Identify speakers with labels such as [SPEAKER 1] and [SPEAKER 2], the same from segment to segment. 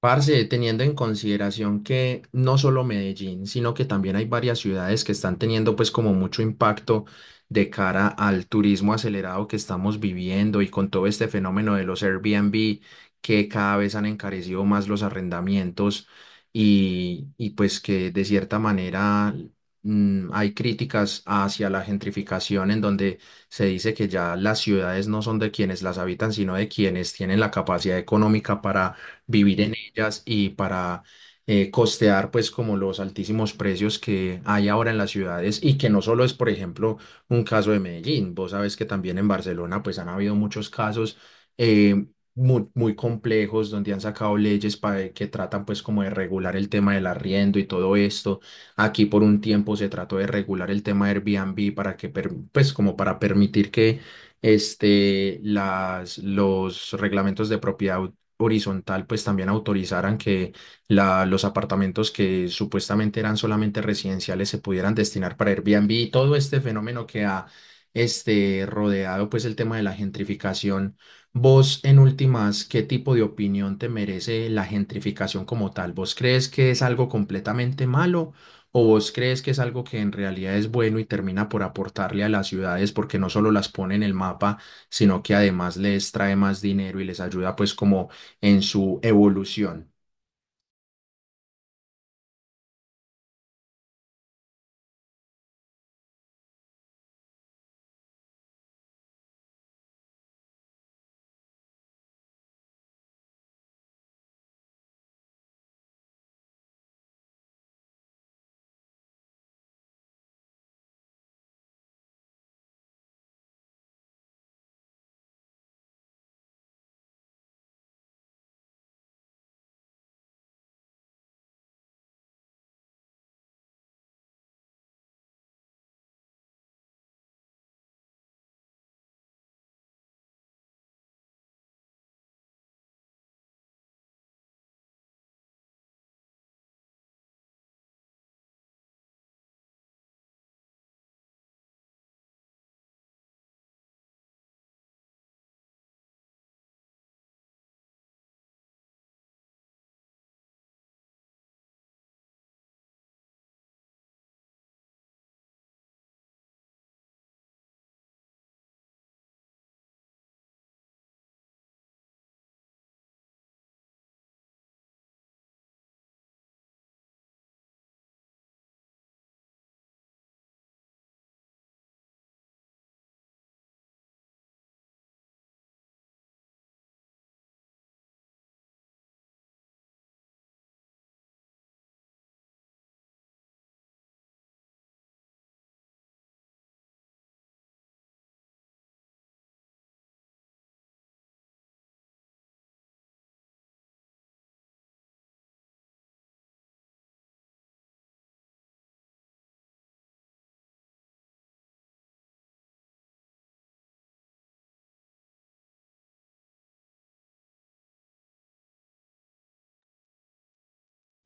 [SPEAKER 1] Parce, teniendo en consideración que no solo Medellín, sino que también hay varias ciudades que están teniendo pues como mucho impacto de cara al turismo acelerado que estamos viviendo y con todo este fenómeno de los Airbnb que cada vez han encarecido más los arrendamientos y pues que de cierta manera hay críticas hacia la gentrificación en donde se dice que ya las ciudades no son de quienes las habitan, sino de quienes tienen la capacidad económica para vivir en ellas y para costear pues como los altísimos precios que hay ahora en las ciudades y que no solo es, por ejemplo, un caso de Medellín. Vos sabes que también en Barcelona pues han habido muchos casos eh, muy, muy complejos, donde han sacado leyes para que tratan pues como de regular el tema del arriendo y todo esto. Aquí por un tiempo se trató de regular el tema de Airbnb para que pues como para permitir que los reglamentos de propiedad horizontal pues también autorizaran que los apartamentos que supuestamente eran solamente residenciales se pudieran destinar para Airbnb y todo este fenómeno que ha rodeado pues el tema de la gentrificación. Vos, en últimas, ¿qué tipo de opinión te merece la gentrificación como tal? ¿Vos crees que es algo completamente malo o vos crees que es algo que en realidad es bueno y termina por aportarle a las ciudades, porque no solo las pone en el mapa, sino que además les trae más dinero y les ayuda pues como en su evolución?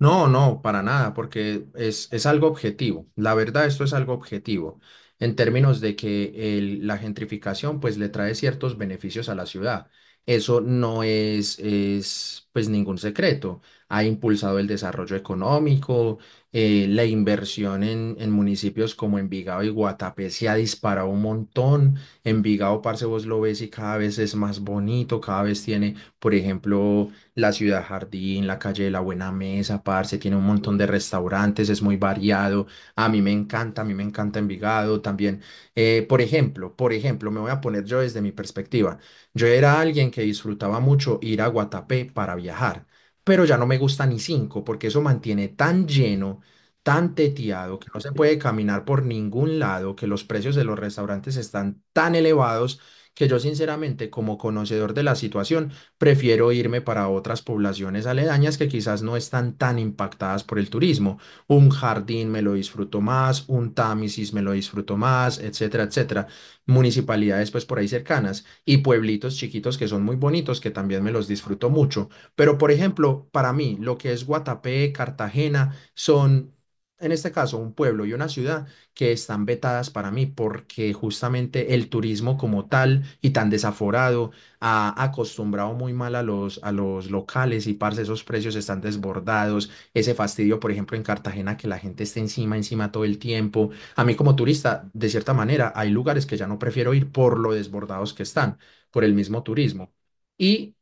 [SPEAKER 1] No, no, para nada, porque es algo objetivo. La verdad, esto es algo objetivo, en términos de que la gentrificación pues le trae ciertos beneficios a la ciudad. Eso no es, es pues ningún secreto. Ha impulsado el desarrollo económico. La inversión en municipios como Envigado y Guatapé se ha disparado un montón. Envigado, parce, vos lo ves y cada vez es más bonito, cada vez tiene, por ejemplo, la Ciudad Jardín, la calle de la Buena Mesa, parce, tiene un montón de restaurantes, es muy variado. A mí me encanta, a mí me encanta Envigado también. Por ejemplo, por ejemplo, me voy a poner yo desde mi perspectiva. Yo era alguien que disfrutaba mucho ir a Guatapé para viajar, pero ya no me gusta ni cinco, porque eso mantiene tan lleno, tan teteado, que no se puede caminar por ningún lado, que los precios de los restaurantes están tan elevados que yo sinceramente, como conocedor de la situación, prefiero irme para otras poblaciones aledañas que quizás no están tan impactadas por el turismo. Un Jardín me lo disfruto más, un Támesis me lo disfruto más, etcétera, etcétera. Municipalidades pues por ahí cercanas y pueblitos chiquitos que son muy bonitos, que también me los disfruto mucho. Pero, por ejemplo, para mí lo que es Guatapé, Cartagena, son, en este caso, un pueblo y una ciudad que están vetadas para mí, porque justamente el turismo como tal y tan desaforado ha acostumbrado muy mal a los locales y, parce, esos precios están desbordados, ese fastidio, por ejemplo, en Cartagena, que la gente está encima, encima todo el tiempo. A mí, como turista, de cierta manera, hay lugares que ya no prefiero ir por lo desbordados que están, por el mismo turismo. Y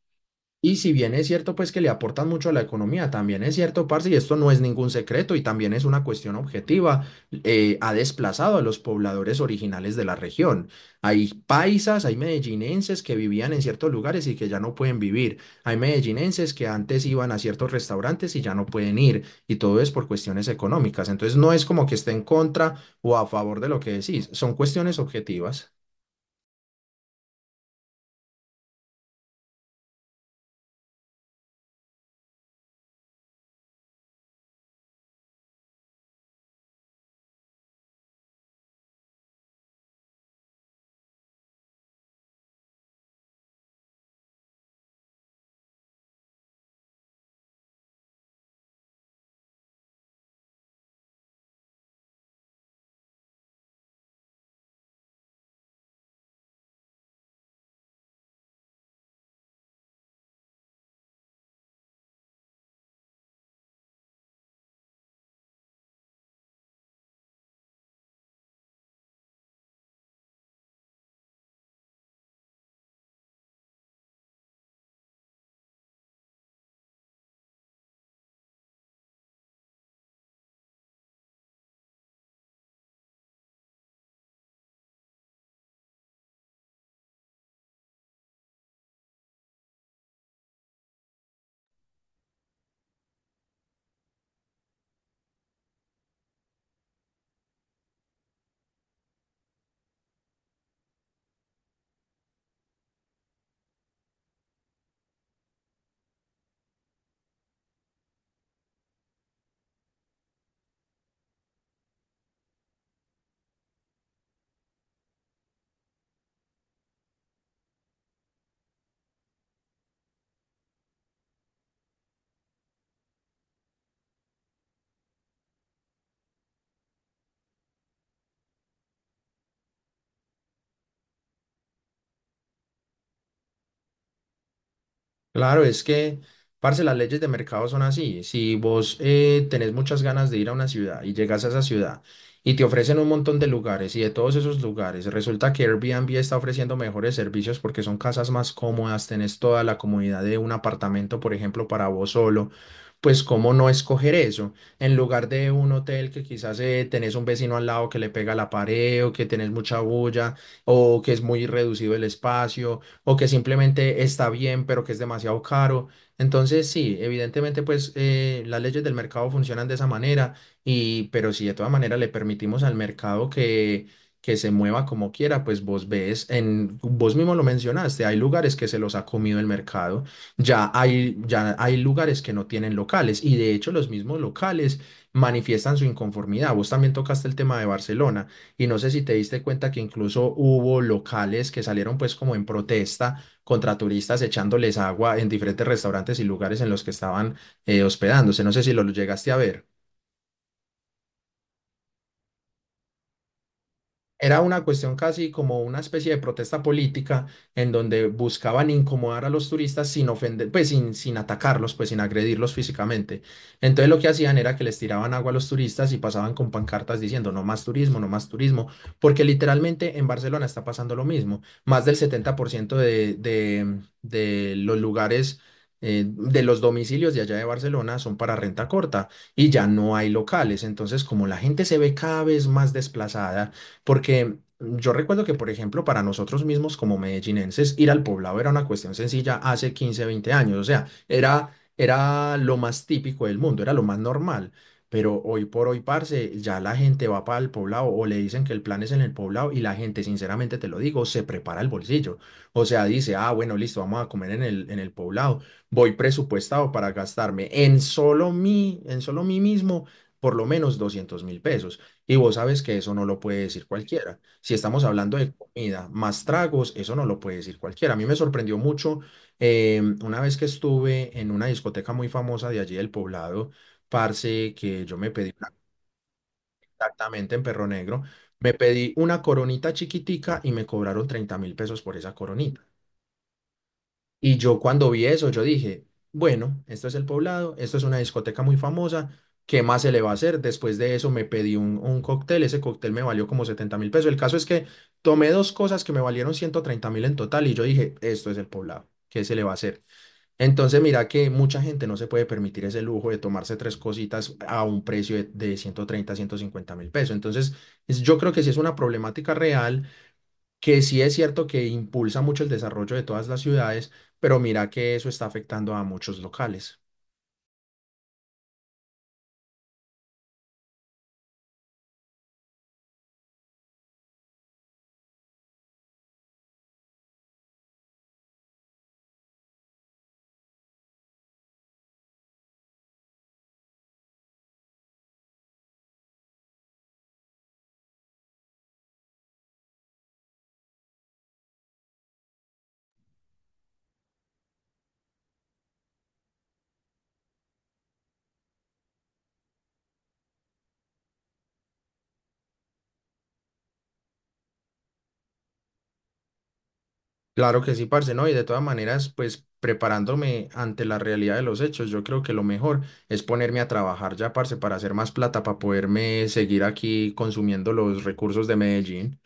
[SPEAKER 1] y si bien es cierto pues que le aportan mucho a la economía, también es cierto, parce, y esto no es ningún secreto y también es una cuestión objetiva, ha desplazado a los pobladores originales de la región. Hay paisas, hay medellinenses que vivían en ciertos lugares y que ya no pueden vivir. Hay medellinenses que antes iban a ciertos restaurantes y ya no pueden ir. Y todo es por cuestiones económicas. Entonces, no es como que esté en contra o a favor de lo que decís, son cuestiones objetivas. Claro, es que, parce, las leyes de mercado son así. Si vos tenés muchas ganas de ir a una ciudad y llegas a esa ciudad y te ofrecen un montón de lugares, y de todos esos lugares resulta que Airbnb está ofreciendo mejores servicios porque son casas más cómodas, tenés toda la comodidad de un apartamento, por ejemplo, para vos solo. Pues, cómo no escoger eso en lugar de un hotel, que quizás tenés un vecino al lado que le pega la pared, o que tenés mucha bulla, o que es muy reducido el espacio, o que simplemente está bien, pero que es demasiado caro. Entonces, sí, evidentemente, pues las leyes del mercado funcionan de esa manera, y, pero si de todas maneras le permitimos al mercado que se mueva como quiera, pues vos ves, vos mismo lo mencionaste, hay lugares que se los ha comido el mercado, ya hay lugares que no tienen locales, y de hecho los mismos locales manifiestan su inconformidad. Vos también tocaste el tema de Barcelona. Y no sé si te diste cuenta que incluso hubo locales que salieron pues como en protesta contra turistas, echándoles agua en diferentes restaurantes y lugares en los que estaban hospedándose. No sé si lo llegaste a ver. Era una cuestión casi como una especie de protesta política en donde buscaban incomodar a los turistas sin ofender, pues sin atacarlos, pues sin agredirlos físicamente. Entonces, lo que hacían era que les tiraban agua a los turistas y pasaban con pancartas diciendo no más turismo, no más turismo, porque literalmente en Barcelona está pasando lo mismo. Más del 70% de, de los lugares, de los domicilios de allá de Barcelona son para renta corta y ya no hay locales. Entonces, como la gente se ve cada vez más desplazada, porque yo recuerdo que, por ejemplo, para nosotros mismos como medellinenses, ir al Poblado era una cuestión sencilla hace 15 20 años. O sea, era, era lo más típico del mundo, era lo más normal. Pero hoy por hoy, parce, ya la gente va para el Poblado o le dicen que el plan es en el Poblado, y la gente, sinceramente te lo digo, se prepara el bolsillo. O sea, dice, ah, bueno, listo, vamos a comer en en el Poblado. Voy presupuestado para gastarme, en solo mí mismo, por lo menos 200.000 pesos. Y vos sabes que eso no lo puede decir cualquiera. Si estamos hablando de comida más tragos, eso no lo puede decir cualquiera. A mí me sorprendió mucho una vez que estuve en una discoteca muy famosa de allí del Poblado, parce, que yo me pedí exactamente en Perro Negro, me pedí una coronita chiquitica y me cobraron 30.000 pesos por esa coronita. Y yo, cuando vi eso, yo dije, bueno, esto es El Poblado, esto es una discoteca muy famosa, ¿qué más se le va a hacer? Después de eso me pedí un cóctel, ese cóctel me valió como 70.000 pesos. El caso es que tomé dos cosas que me valieron 130.000 en total, y yo dije, esto es El Poblado, ¿qué se le va a hacer? Entonces, mira que mucha gente no se puede permitir ese lujo de tomarse tres cositas a un precio de, ciento treinta, 150.000 pesos. Entonces, yo creo que sí es una problemática real, que sí es cierto que impulsa mucho el desarrollo de todas las ciudades, pero mira que eso está afectando a muchos locales. Claro que sí, parce, ¿no? Y de todas maneras, pues preparándome ante la realidad de los hechos, yo creo que lo mejor es ponerme a trabajar ya, parce, para hacer más plata, para poderme seguir aquí consumiendo los recursos de Medellín.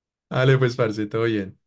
[SPEAKER 1] Dale, pues, parce, todo bien.